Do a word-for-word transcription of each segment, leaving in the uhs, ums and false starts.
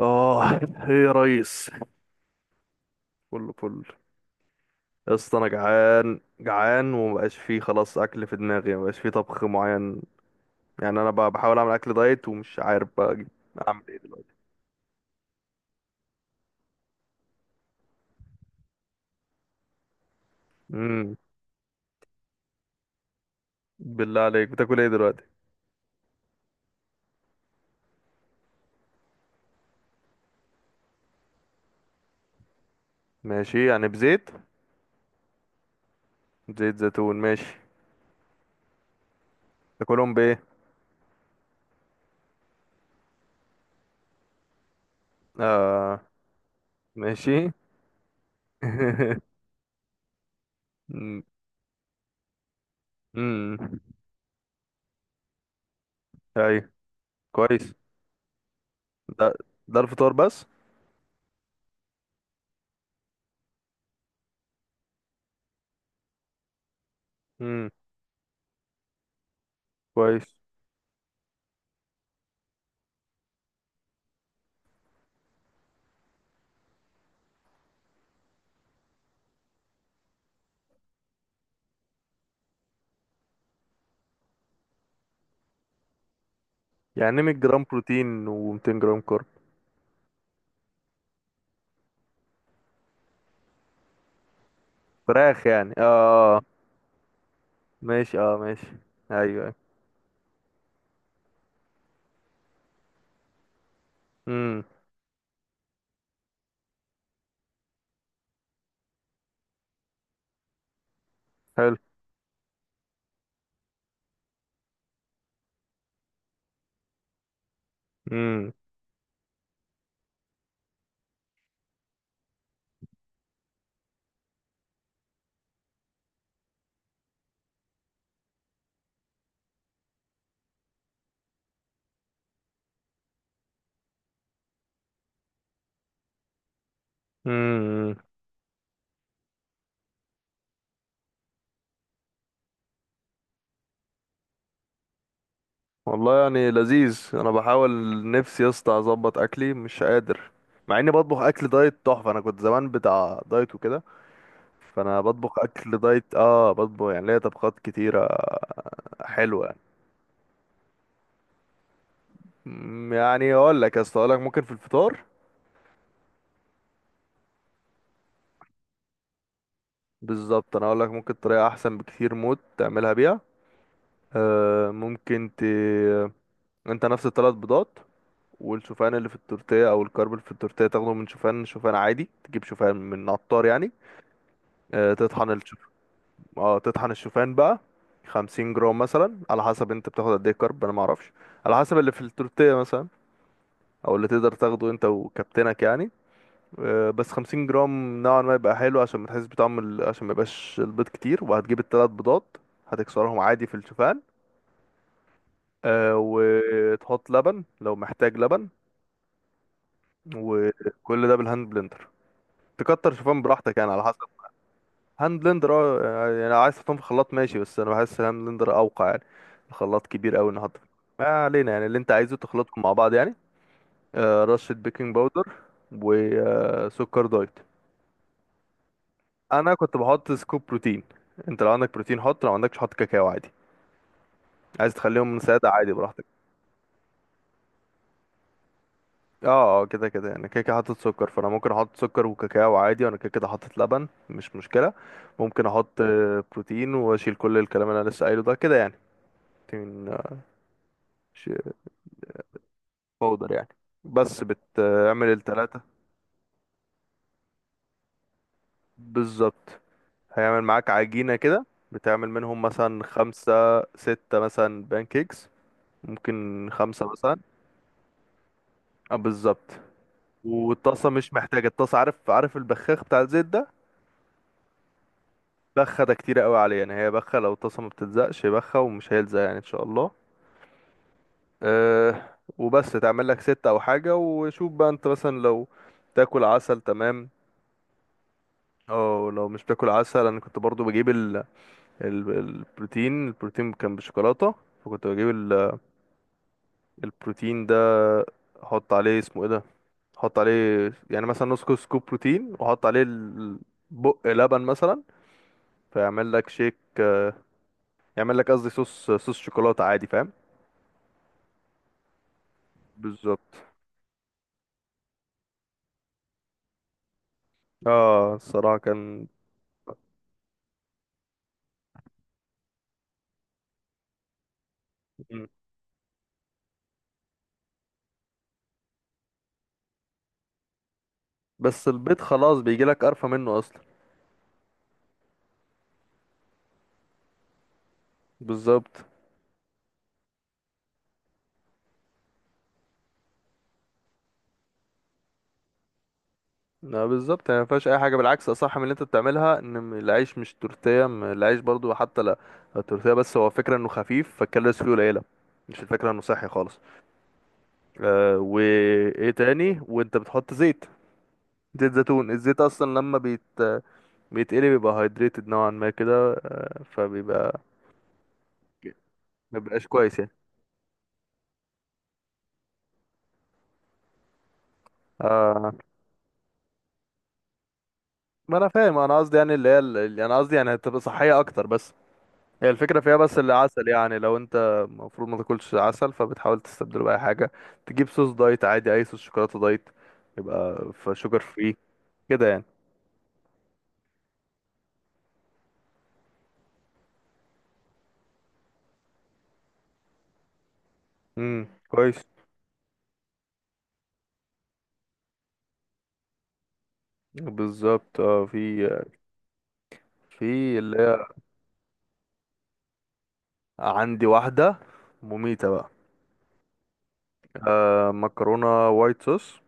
اه، ايه يا ريس؟ فل فل. يا اسطى انا جعان جعان، ومبقاش فيه خلاص اكل في دماغي، مبقاش فيه طبخ معين يعني. انا بقى بحاول اعمل اكل دايت ومش عارف بقى اجي اعمل ايه دلوقتي. امم بالله عليك بتاكل ايه دلوقتي؟ ماشي يعني بزيت. زيت زيتون ماشي. تاكلهم بايه؟ اه ماشي. امم أمم. ايوه، كويس. ده ده الفطار بس؟ امم كويس. يعني مية جرام بروتين و200 جرام كارب؟ فراخ يعني، اه آه. ماشي، اه ماشي. ايوه ايوه. امم حلو. امم امم والله يعني لذيذ، انا بحاول. نفسي يا اسطى اظبط اكلي، مش قادر مع اني بطبخ اكل دايت تحفه. انا كنت زمان بتاع دايت وكده، فانا بطبخ اكل دايت، اه بطبخ يعني، ليا طبخات كتيره حلوه يعني. أمم، يعني اقول لك يا اسطى، اقول لك ممكن في الفطار بالظبط، انا اقول لك ممكن طريقه احسن بكتير موت تعملها بيها. آه ممكن ت انت نفس الثلاث بيضات والشوفان اللي في التورتيه، او الكرب اللي في التورتيه تاخده من شوفان شوفان عادي، تجيب شوفان من عطار يعني. آه، تطحن الشوفان، اه تطحن الشوفان بقى. خمسين جرام مثلا، على حسب انت بتاخد قد ايه كرب، انا ما اعرفش، على حسب اللي في التورتيه مثلا، او اللي تقدر تاخده انت وكابتنك يعني. آه، بس خمسين جرام نوعا ما يبقى حلو، عشان ما تحس بطعم ال- عشان ما يبقاش البيض كتير. وهتجيب الثلاث بيضات، هتكسرهم عادي في الشوفان. آه، وتحط لبن لو محتاج لبن، وكل ده بالهاند بلندر. تكتر شوفان براحتك يعني على حسب. هاند بلندر، اه، يعني عايز شوفان في خلاط ماشي، بس انا بحس الهاند بلندر اوقع يعني. الخلاط كبير قوي نحط فيه. ما علينا يعني، اللي انت عايزه تخلطهم مع بعض يعني. آه، رشة بيكنج باودر وسكر دايت. انا كنت بحط سكوب بروتين، انت لو عندك بروتين حط، لو عندكش حط كاكاو عادي. عايز تخليهم سادة عادي براحتك. اه اه كده كده يعني، كده كده حاطط سكر، فانا ممكن احط سكر وكاكاو عادي، وانا كده كده حاطط لبن مش مشكلة. ممكن احط آه، بروتين واشيل كل الكلام اللي انا لسه قايله ده كده يعني. من ش- باودر يعني، بس بتعمل التلاتة بالظبط، هيعمل معاك عجينة كده. بتعمل منهم مثلا خمسة ستة مثلا بانكيكس، ممكن خمسة مثلا. اه بالظبط. والطاسة مش محتاجة، الطاسة عارف، عارف البخاخ بتاع الزيت ده؟ بخة، ده كتير قوي عليه يعني، هي بخة لو الطاسة ما بتلزقش، بخة ومش هيلزق يعني ان شاء الله. أه، وبس تعمل لك ستة او حاجة، وشوف بقى انت، مثلا لو تاكل عسل تمام. اه لو مش باكل عسل، انا كنت برضو بجيب ال... ال... البروتين، البروتين كان بالشوكولاته، فكنت بجيب ال... البروتين ده، احط عليه، اسمه ايه ده، احط عليه يعني مثلا نص كوب سكوب بروتين، واحط عليه ال- بق لبن مثلا، فيعمل لك شيك، يعمل لك قصدي صوص صوص شوكولاته عادي، فاهم؟ بالظبط. اه الصراحه كان. مم. بس البيض خلاص بيجي لك قرفه منه اصلا، بالظبط. لا بالظبط، يعني ما فيهاش اي حاجه، بالعكس اصح من اللي انت بتعملها. ان م- العيش مش تورتيه، م- العيش برضو حتى، لا التورتيه، بس هو فكره انه خفيف، فالكالوريز فيه قليله، مش الفكره انه صحي خالص. آه، وايه تاني، وانت بتحط زيت، زيت زيتون. الزيت اصلا لما بيت بيتقلي بيبقى هايدريتد نوعا ما كده، آه فبيبقى ما بيبقاش كويس يعني. آه ما انا فاهم، انا قصدي يعني، اللي هي اللي انا قصدي يعني هتبقى صحيه اكتر بس، هي الفكرة فيها بس العسل يعني. لو انت المفروض ما تاكلش عسل، فبتحاول تستبدله بأي حاجة، تجيب صوص دايت عادي، أي صوص شوكولاتة دايت، يبقى فشوجر فري كده يعني. امم كويس. بالظبط. اه في، في اللي هي، عندي واحدة مميتة بقى. آه، مكرونة وايت صوص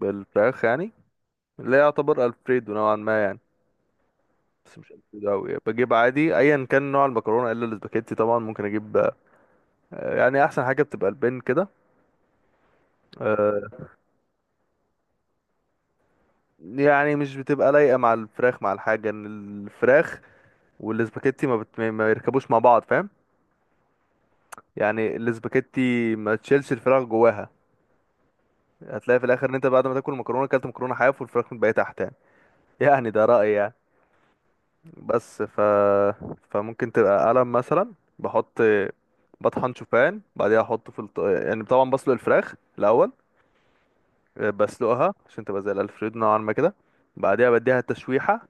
بالفراخ يعني، اللي هي يعتبر ألفريدو نوعا ما يعني، بس مش ألفريدو أوي. بجيب عادي أيا كان نوع المكرونة إلا الاسباجيتي، طبعا ممكن أجيب. آه، يعني أحسن حاجة بتبقى البن كده. آه، يعني مش بتبقى لايقة مع الفراخ، مع الحاجة ان الفراخ والاسباجيتي ما, بت... ما يركبوش مع بعض فاهم، يعني الاسباجيتي ما تشيلش الفراخ جواها، هتلاقي في الاخر ان انت بعد ما تاكل المكرونة اكلت مكرونة حاف، والفراخ متبقية تحت يعني. يعني ده رأيي يعني، بس ف، فممكن تبقى قلم مثلا. بحط، بطحن شوفان، بعدها احطه في الط... يعني طبعا بسلق الفراخ الاول، بسلقها عشان تبقى زي الالفريدو نوعا ما كده. بعدها بديها تشويحة،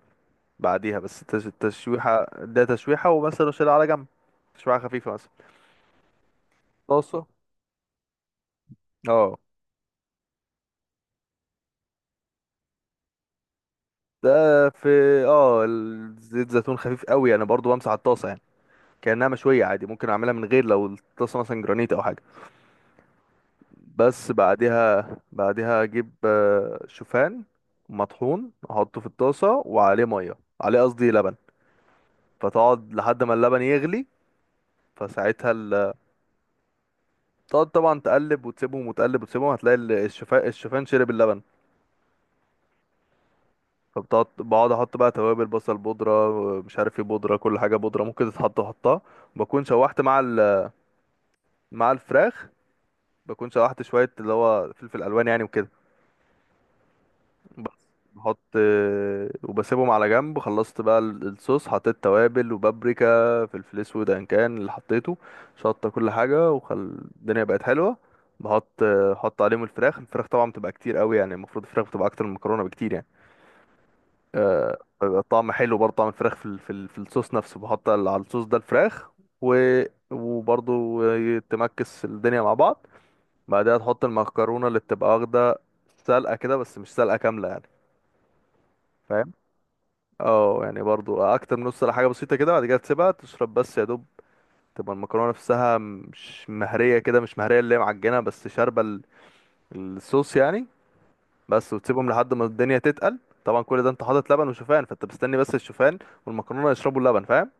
بعديها، بس التش- التشويحة ده تشويحة، ومثلا شيلها على جنب، تشويحة خفيفة مثلا. طاسة، اه ده في، اه ال- زيت زيتون خفيف قوي، انا برضو بمسح الطاسة يعني كأنها مشوية عادي، ممكن اعملها من غير لو الطاسة مثلا جرانيت او حاجة. بس بعدها، بعدها اجيب آه، شوفان مطحون، احطه في الطاسة، وعليه مية، عليه قصدي لبن. فتقعد لحد ما اللبن يغلي، فساعتها ال... تقعد طبعا تقلب وتسيبهم، وتقلب وتسيبهم، هتلاقي ال- الشوفان، الشوفان شرب اللبن. فبتقعد بقعد احط بقى توابل، بصل بودره، مش عارف ايه بودره، كل حاجه بودره ممكن تتحط احطها. بكون شوحت مع ال... مع الفراخ، بكون شوحت شويه اللي هو فلفل الوان يعني وكده بس. بحط وبسيبهم على جنب. خلصت بقى ال- الصوص، حطيت توابل وبابريكا، فلفل اسود ان كان، اللي حطيته شطه، كل حاجه، وخل الدنيا بقت حلوه. بحط احط عليهم الفراخ. الفراخ طبعا بتبقى كتير قوي يعني، المفروض الفراخ بتبقى اكتر من المكرونه بكتير يعني. آه، بيبقى طعم حلو برضه، طعم الفراخ في ال- في ال- في الصوص نفسه، بحط ال- على الصوص ده الفراخ، و وبرضه تمكس الدنيا مع بعض. بعدها تحط المكرونة اللي بتبقى واخدة سلقة كده، بس مش سلقة كاملة يعني، فاهم؟ اه يعني برضه أكتر من نص، ولا حاجة بسيطة كده. بعد كده تسيبها تشرب بس يا دوب، تبقى المكرونة نفسها مش مهرية كده، مش مهرية اللي هي معجنة، بس شاربة ال- الصوص يعني بس، وتسيبهم لحد ما الدنيا تتقل. طبعا كل ده انت حاطط لبن وشوفان، فانت مستني بس الشوفان والمكرونة يشربوا اللبن فاهم،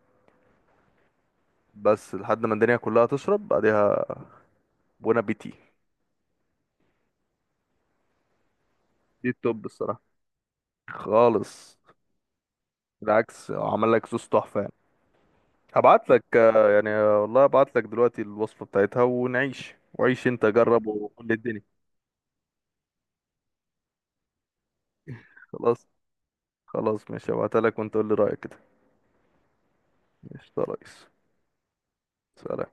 بس لحد ما الدنيا كلها تشرب. بعدها بونا بيتي. دي التوب الصراحة خالص، بالعكس عمل لك صوص تحفة يعني. هبعت لك، آه، يعني آه، والله هبعت لك دلوقتي الوصفة بتاعتها، ونعيش وعيش، انت جرب وقول لي الدنيا. خلاص، خلاص ماشي، هبعتها لك، وانت قول لي رأيك كده. ماشي يا ريس، سلام.